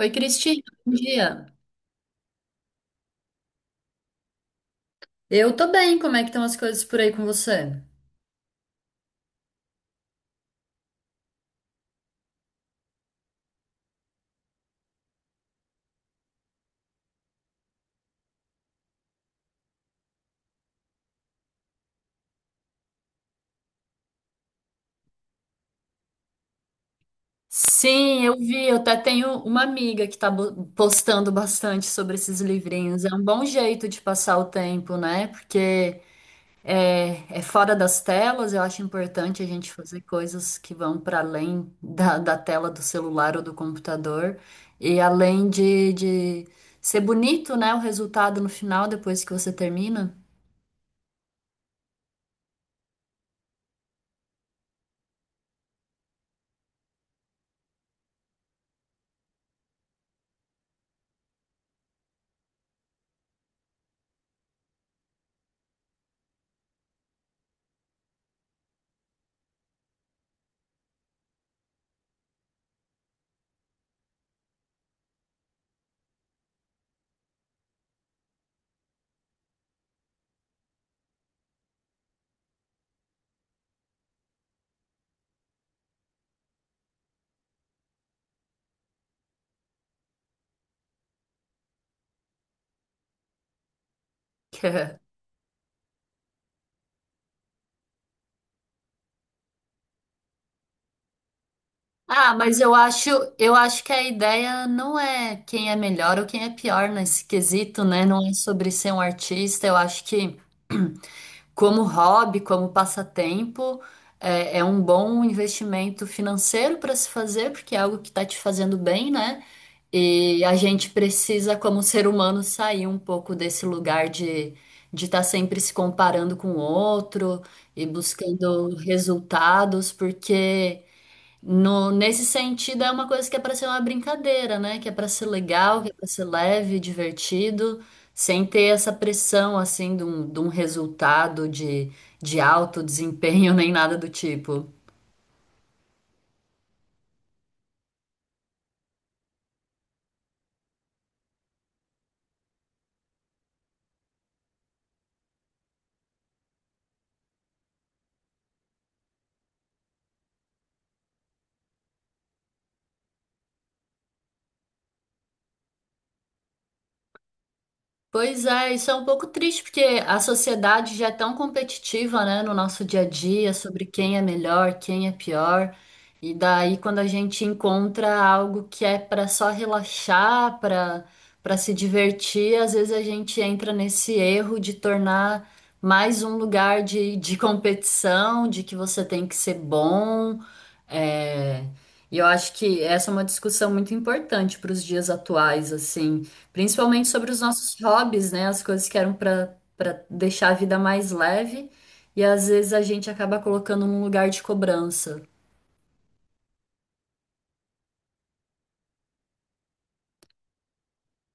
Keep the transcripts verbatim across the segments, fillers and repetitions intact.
Oi, Cristina, bom dia. Eu tô bem, como é que estão as coisas por aí com você? Sim, eu vi. Eu até tenho uma amiga que tá bo- postando bastante sobre esses livrinhos. É um bom jeito de passar o tempo, né? Porque é, é fora das telas. Eu acho importante a gente fazer coisas que vão para além da, da tela do celular ou do computador. E além de, de ser bonito, né? O resultado no final, depois que você termina. Ah, mas eu acho, eu acho que a ideia não é quem é melhor ou quem é pior nesse quesito, né? Não é sobre ser um artista. Eu acho que como hobby, como passatempo, é, é um bom investimento financeiro para se fazer, porque é algo que está te fazendo bem, né? E a gente precisa, como ser humano, sair um pouco desse lugar de de estar sempre se comparando com o outro e buscando resultados, porque no, nesse sentido, é uma coisa que é para ser uma brincadeira, né? Que é para ser legal, que é para ser leve, divertido, sem ter essa pressão, assim, de um, de um resultado de, de alto desempenho nem nada do tipo. Pois é, isso é um pouco triste, porque a sociedade já é tão competitiva, né, no nosso dia a dia, sobre quem é melhor, quem é pior. E daí, quando a gente encontra algo que é para só relaxar, para para se divertir, às vezes a gente entra nesse erro de tornar mais um lugar de, de competição, de que você tem que ser bom. É... E eu acho que essa é uma discussão muito importante para os dias atuais, assim. Principalmente sobre os nossos hobbies, né? As coisas que eram para para deixar a vida mais leve e às vezes a gente acaba colocando num lugar de cobrança.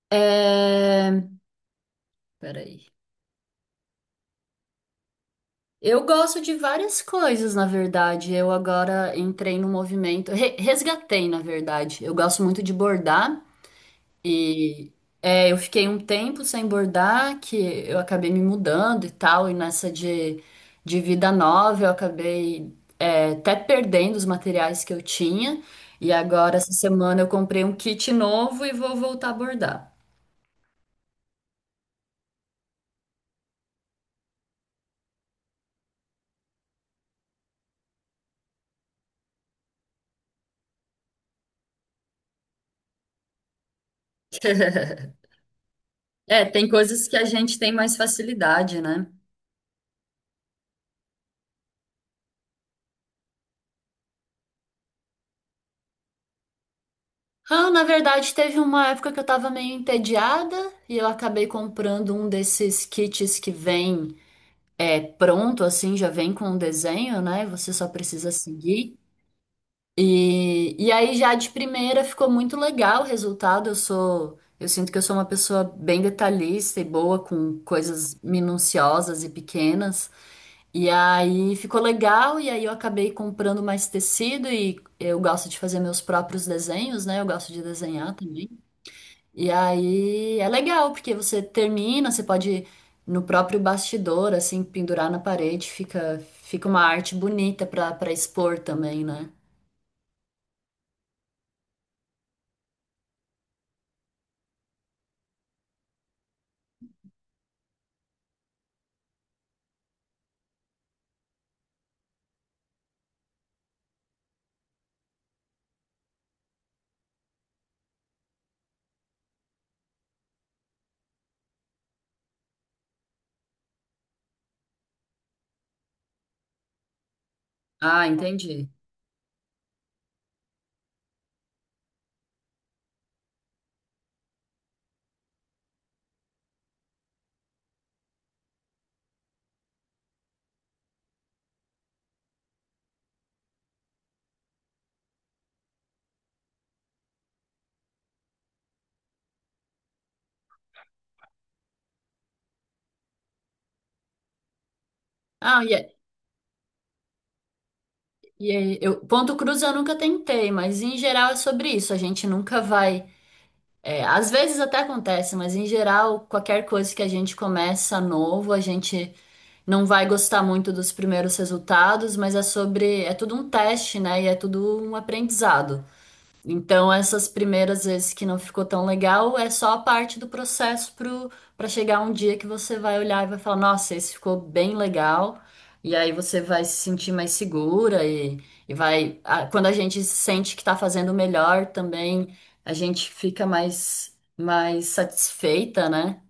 É... Peraí. Eu gosto de várias coisas, na verdade. Eu agora entrei no movimento, re- resgatei, na verdade. Eu gosto muito de bordar. E é, eu fiquei um tempo sem bordar, que eu acabei me mudando e tal, e nessa de, de vida nova eu acabei é, até perdendo os materiais que eu tinha. E agora, essa semana, eu comprei um kit novo e vou voltar a bordar. É, tem coisas que a gente tem mais facilidade, né? Ah, na verdade, teve uma época que eu tava meio entediada e eu acabei comprando um desses kits que vem. É pronto, assim, já vem com o desenho, né? Você só precisa seguir. E, e aí já de primeira ficou muito legal o resultado. Eu sou, eu sinto que eu sou uma pessoa bem detalhista e boa com coisas minuciosas e pequenas. E aí ficou legal, e aí eu acabei comprando mais tecido e eu gosto de fazer meus próprios desenhos, né? Eu gosto de desenhar também. E aí é legal, porque você termina, você pode no próprio bastidor, assim, pendurar na parede, fica, fica uma arte bonita para para expor também, né? Ah, entendi. Ah, e, é- e é- eu, ponto cruz eu nunca tentei, mas em geral é sobre isso. A gente nunca vai. É, às vezes até acontece, mas em geral, qualquer coisa que a gente começa novo, a gente não vai gostar muito dos primeiros resultados, mas é sobre. É tudo um teste, né? E é tudo um aprendizado. Então, essas primeiras vezes que não ficou tão legal é só a parte do processo pro, para chegar um dia que você vai olhar e vai falar: Nossa, esse ficou bem legal. E aí você vai se sentir mais segura e, e vai. a- Quando a gente sente que está fazendo melhor também, a gente fica mais, mais satisfeita, né?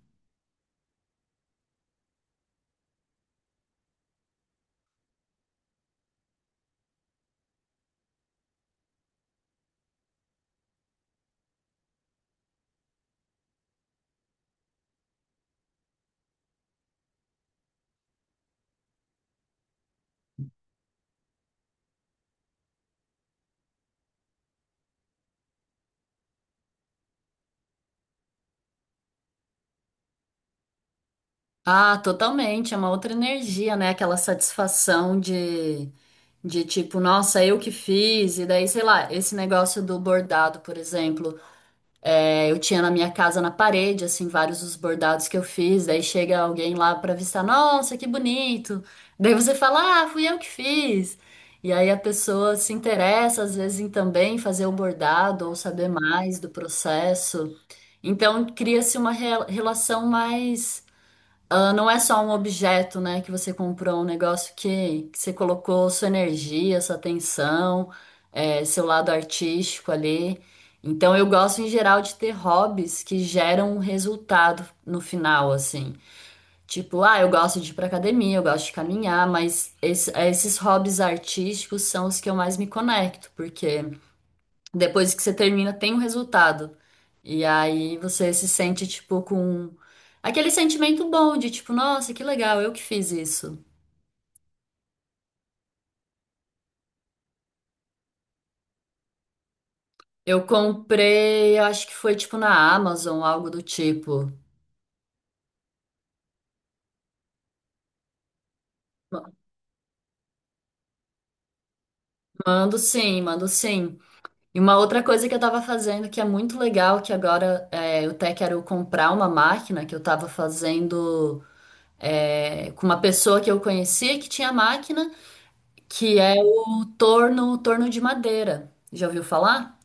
Ah, totalmente. É uma outra energia, né? Aquela satisfação de. De tipo, nossa, eu que fiz, e daí, sei lá, esse negócio do bordado, por exemplo. É, eu tinha na minha casa, na parede, assim, vários dos bordados que eu fiz. Daí chega alguém lá pra avistar, nossa, que bonito. Daí você fala, ah, fui eu que fiz. E aí a pessoa se interessa, às vezes, em também fazer o bordado ou saber mais do processo. Então cria-se uma rela- relação mais ela não é só um objeto, né, que você comprou, um negócio que, que você colocou sua energia, sua atenção, eh, seu lado artístico ali. Então eu gosto em geral de ter hobbies que geram um resultado no final, assim. Tipo, ah, eu gosto de ir pra academia, eu gosto de caminhar, mas esse- esses hobbies artísticos são os que eu mais me conecto, porque depois que você termina, tem um resultado. E aí você se sente, tipo, com aquele sentimento bom de, tipo, nossa, que legal, eu que fiz isso. Eu comprei, eu acho que foi, tipo, na Amazon, algo do tipo. Ma- Mando sim, mando sim. E uma outra coisa que eu tava fazendo que é muito legal, que agora é, eu até quero comprar uma máquina que eu tava fazendo é, com uma pessoa que eu conhecia que tinha máquina, que é o torno, torno de madeira. Já ouviu falar?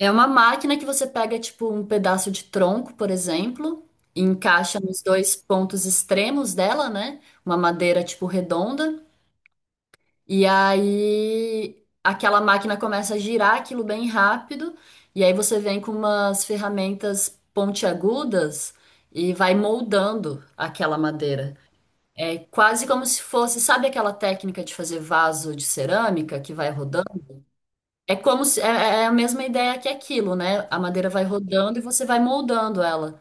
É uma máquina que você pega, tipo, um pedaço de tronco, por exemplo, e encaixa nos dois pontos extremos dela, né? Uma madeira, tipo, redonda. E aí aquela máquina começa a girar aquilo bem rápido. E aí você vem com umas ferramentas pontiagudas e vai moldando aquela madeira. É quase como se fosse, sabe aquela técnica de fazer vaso de cerâmica que vai rodando? É como se, é, é é a mesma ideia que aquilo, né? A madeira vai rodando e você vai moldando ela.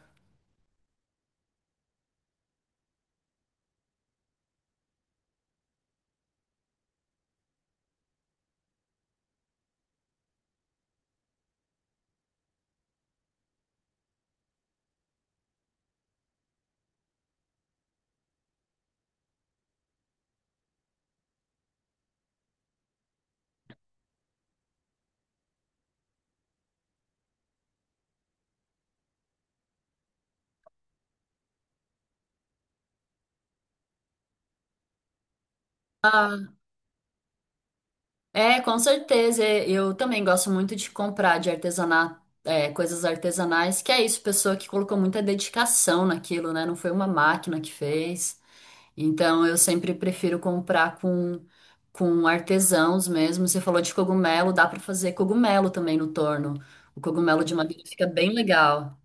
Ah, é, com certeza. É, eu também gosto muito de comprar de artesanato, é, coisas artesanais, que é isso, pessoa que colocou muita dedicação naquilo, né? Não foi uma máquina que fez. Então eu sempre prefiro comprar com, com artesãos mesmo. Você falou de cogumelo, dá para fazer cogumelo também no torno. O cogumelo de madeira fica bem legal.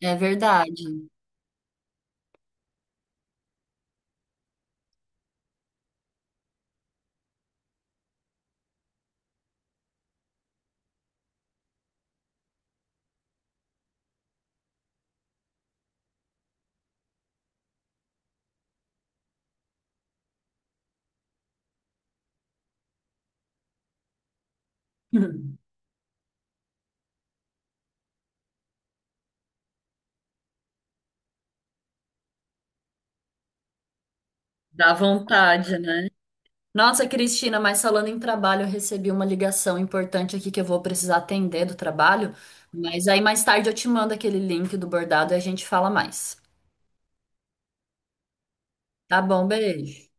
É verdade. Dá vontade, né? Nossa, Cristina, mas falando em trabalho, eu recebi uma ligação importante aqui que eu vou precisar atender do trabalho. Mas aí mais tarde eu te mando aquele link do bordado e a gente fala mais. Tá bom, beijo.